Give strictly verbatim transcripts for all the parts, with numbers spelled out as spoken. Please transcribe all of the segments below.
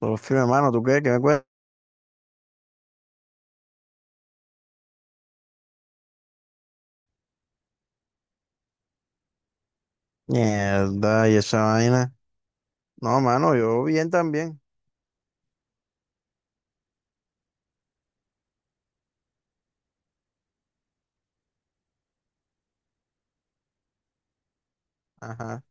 Todo firme, mano, ¿tú qué? ¿Qué me cuentas? Mierda, y esa vaina. No, mano, yo bien también. Ajá.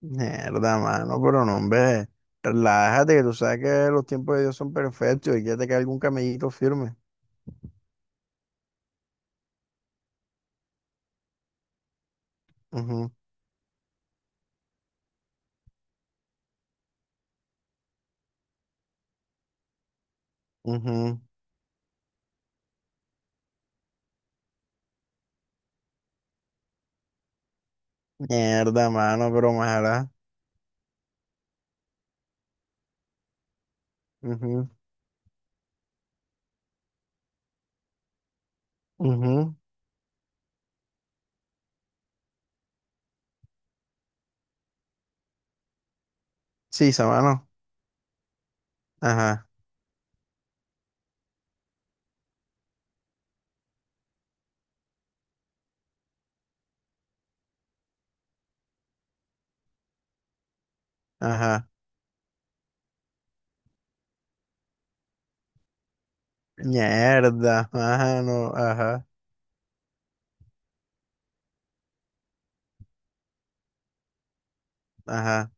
Mierda, mano, pero no, hombre. Relájate, que tú sabes que los tiempos de Dios son perfectos y que te cae algún camellito firme. Ujú, ujú. Mierda, mano, pero ojalá. Ujú, ujú. Sí, esa mano. Ajá, ajá. Mierda, mano, ajá, ajá.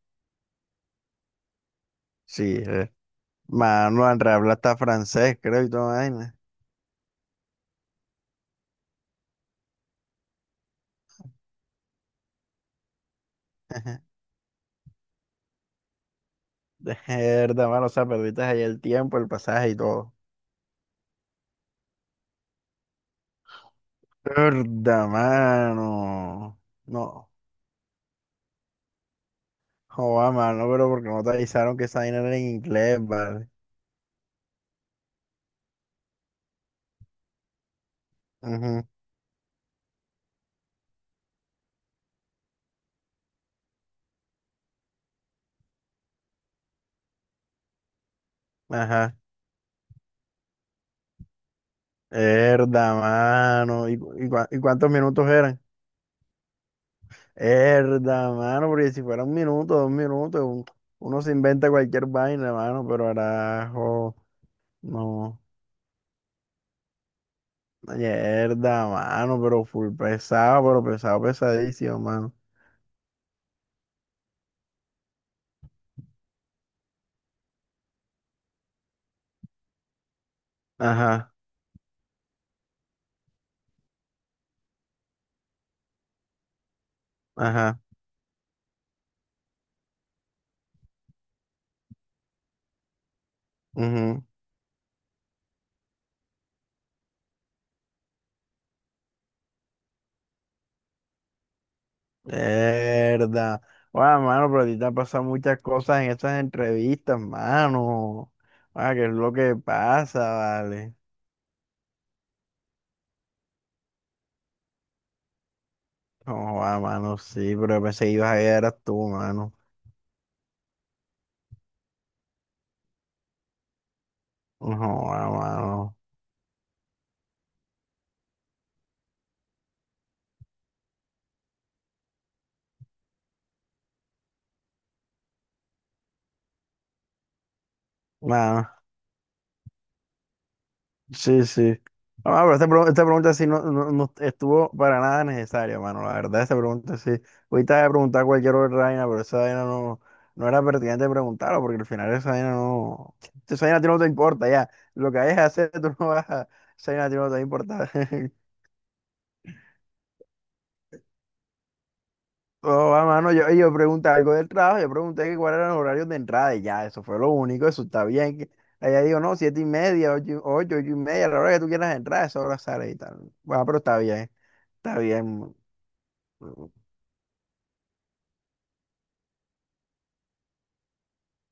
Sí, eh. Mano, Andrabla está francés, creo, y toda vaina. Verdad, mano, o sea, perdiste ahí el tiempo, el pasaje y todo. Verdad, mano. No, joda, mano, pero porque no te avisaron que esa vaina era en inglés, vale. Ujú, ajá. Verdad, mano. ¿Y, cu- y cua- y cuántos minutos eran? Verdad, mano, porque si fuera un minuto, dos minutos, un- uno se inventa cualquier vaina, mano, pero arajo, no. Mierda, mano, pero full pesado, pero pesado, pesadísimo, mano. Ajá, ajá. Ujú. Verdad. Guau, mano, pero a ti te han pasado muchas cosas en esas entrevistas, mano. Ah, ¿qué es lo que pasa, vale? No, ah, mano, sí, pero yo pensé que ibas a ir, eras tú, mano. No, ah, mano. Mano. Sí, sí. No, pero esta, pregu- esta pregunta sí no, no, no estuvo para nada necesaria, mano. La verdad, esta pregunta sí. Ahorita he preguntado cualquier otra vaina, pero esa vaina no, no era pertinente preguntarlo, porque al final esa vaina no. Esa vaina a ti no te importa, ya. Lo que vayas a hacer, tú no vas a. Esa vaina a ti no te va a importar. Oh, va, mano, yo, yo pregunté algo del trabajo, yo pregunté que cuáles eran los horarios de entrada y ya, eso fue lo único, eso está bien. que- Ella dijo, no, siete y media, ocho, y- ocho, ocho y media, la hora que tú quieras entrar, esa hora sale y tal. Bueno, pero está bien. Está bien.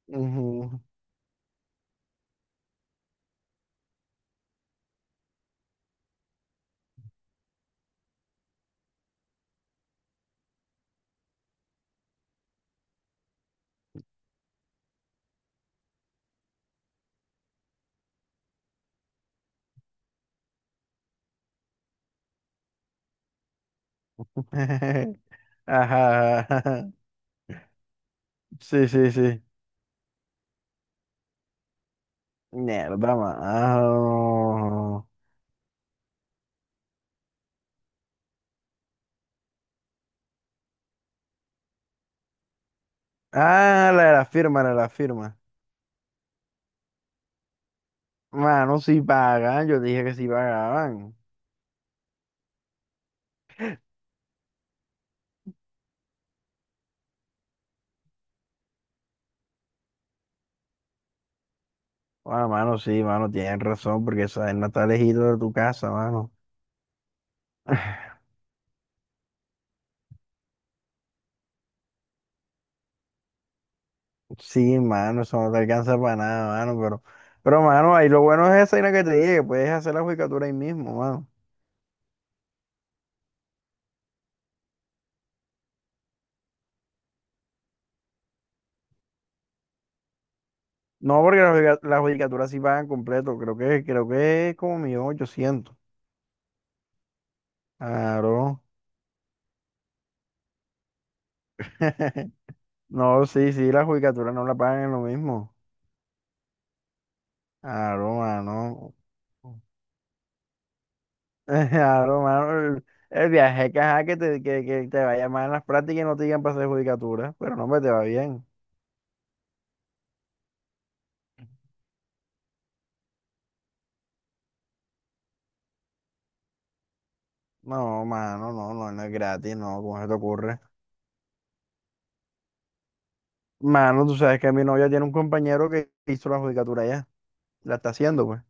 Ujú. Ajá, ajá. Sí, sí, sí. Mierda, mano. Ah, la de la firma, la de la firma. Mano, si pagan. Yo dije que si pagaban. Ah, mano, sí, mano, tienen razón, porque esa vaina está lejito de tu casa, mano. Sí, mano, eso no te alcanza para nada, mano, pero, pero, mano, ahí lo bueno es esa vaina que te dije, que puedes hacer la judicatura ahí mismo, mano. No, porque las, judica- las judicaturas sí pagan completo. Creo que, creo que es como millón ochocientos. Claro. No, sí, sí, las judicaturas no la pagan en lo mismo. Claro, mano. Claro, mano. El, el viaje que, ajá, que te, que, que te vaya mal en las prácticas y no te digan para hacer judicatura. Pero no, me te va bien. No, mano, no, no, no es gratis, no, ¿cómo se te ocurre? Mano, tú sabes que mi novia tiene un compañero que hizo la judicatura ya. La está haciendo, pues.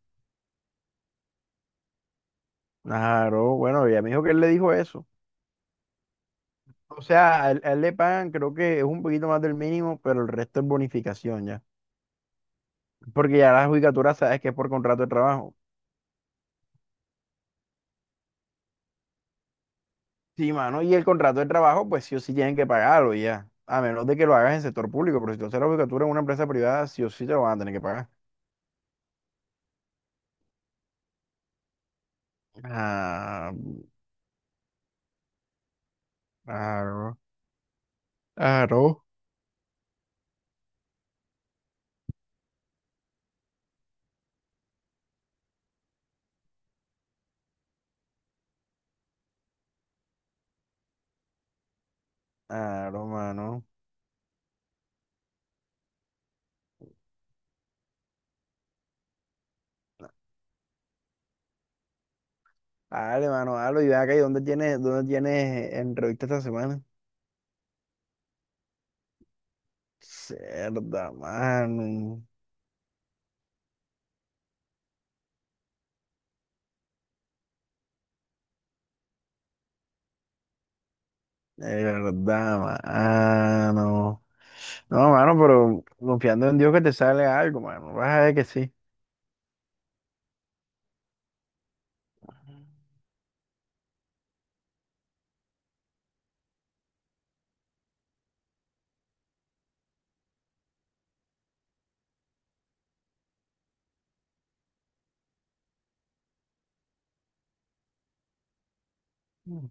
Claro, bueno, ella me dijo que él le dijo eso. O sea, a él, a él le pagan, creo que es un poquito más del mínimo, pero el resto es bonificación ya. Porque ya la judicatura sabes que es por contrato de trabajo. Sí, mano, y el contrato de trabajo, pues sí o sí tienen que pagarlo ya. A menos de que lo hagas en sector público, pero si tú haces la judicatura en una empresa privada, sí o sí te lo van a tener que pagar. Ah, claro, claro, claro, mano. Dale, mano, dale, y ve acá, ¿y dónde tienes, dónde tienes entrevista esta semana? Cerda, mano. De mano. No, mano, pero confiando en Dios que te sale algo, mano. Vas a ver que sí. Mm.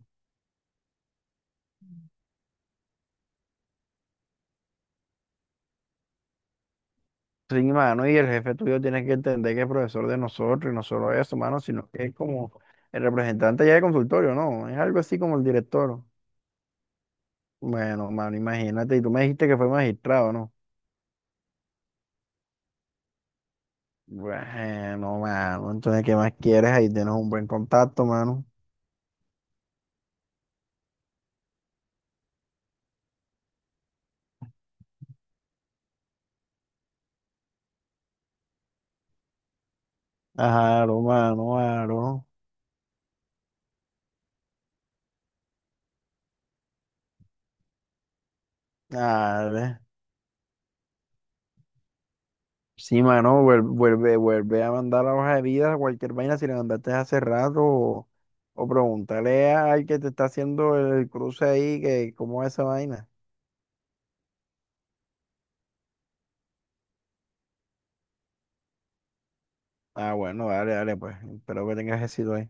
Sí, mano, y el jefe tuyo tiene que entender que es profesor de nosotros, y no solo eso, mano, sino que es como el representante ya de consultorio, ¿no? Es algo así como el director. Bueno, mano, imagínate, y tú me dijiste que fue magistrado, ¿no? Bueno, mano, entonces, ¿qué más quieres? Ahí tienes un buen contacto, mano. Claro, mano, claro. Dale. Sí, mano, vuel- vuelve, vuelve a mandar la hoja de vida, cualquier vaina, si la mandaste hace rato, o, o pregúntale al que te está haciendo el cruce ahí, que cómo es esa vaina. Ah, bueno, dale, dale, pues, espero que tengas éxito ahí.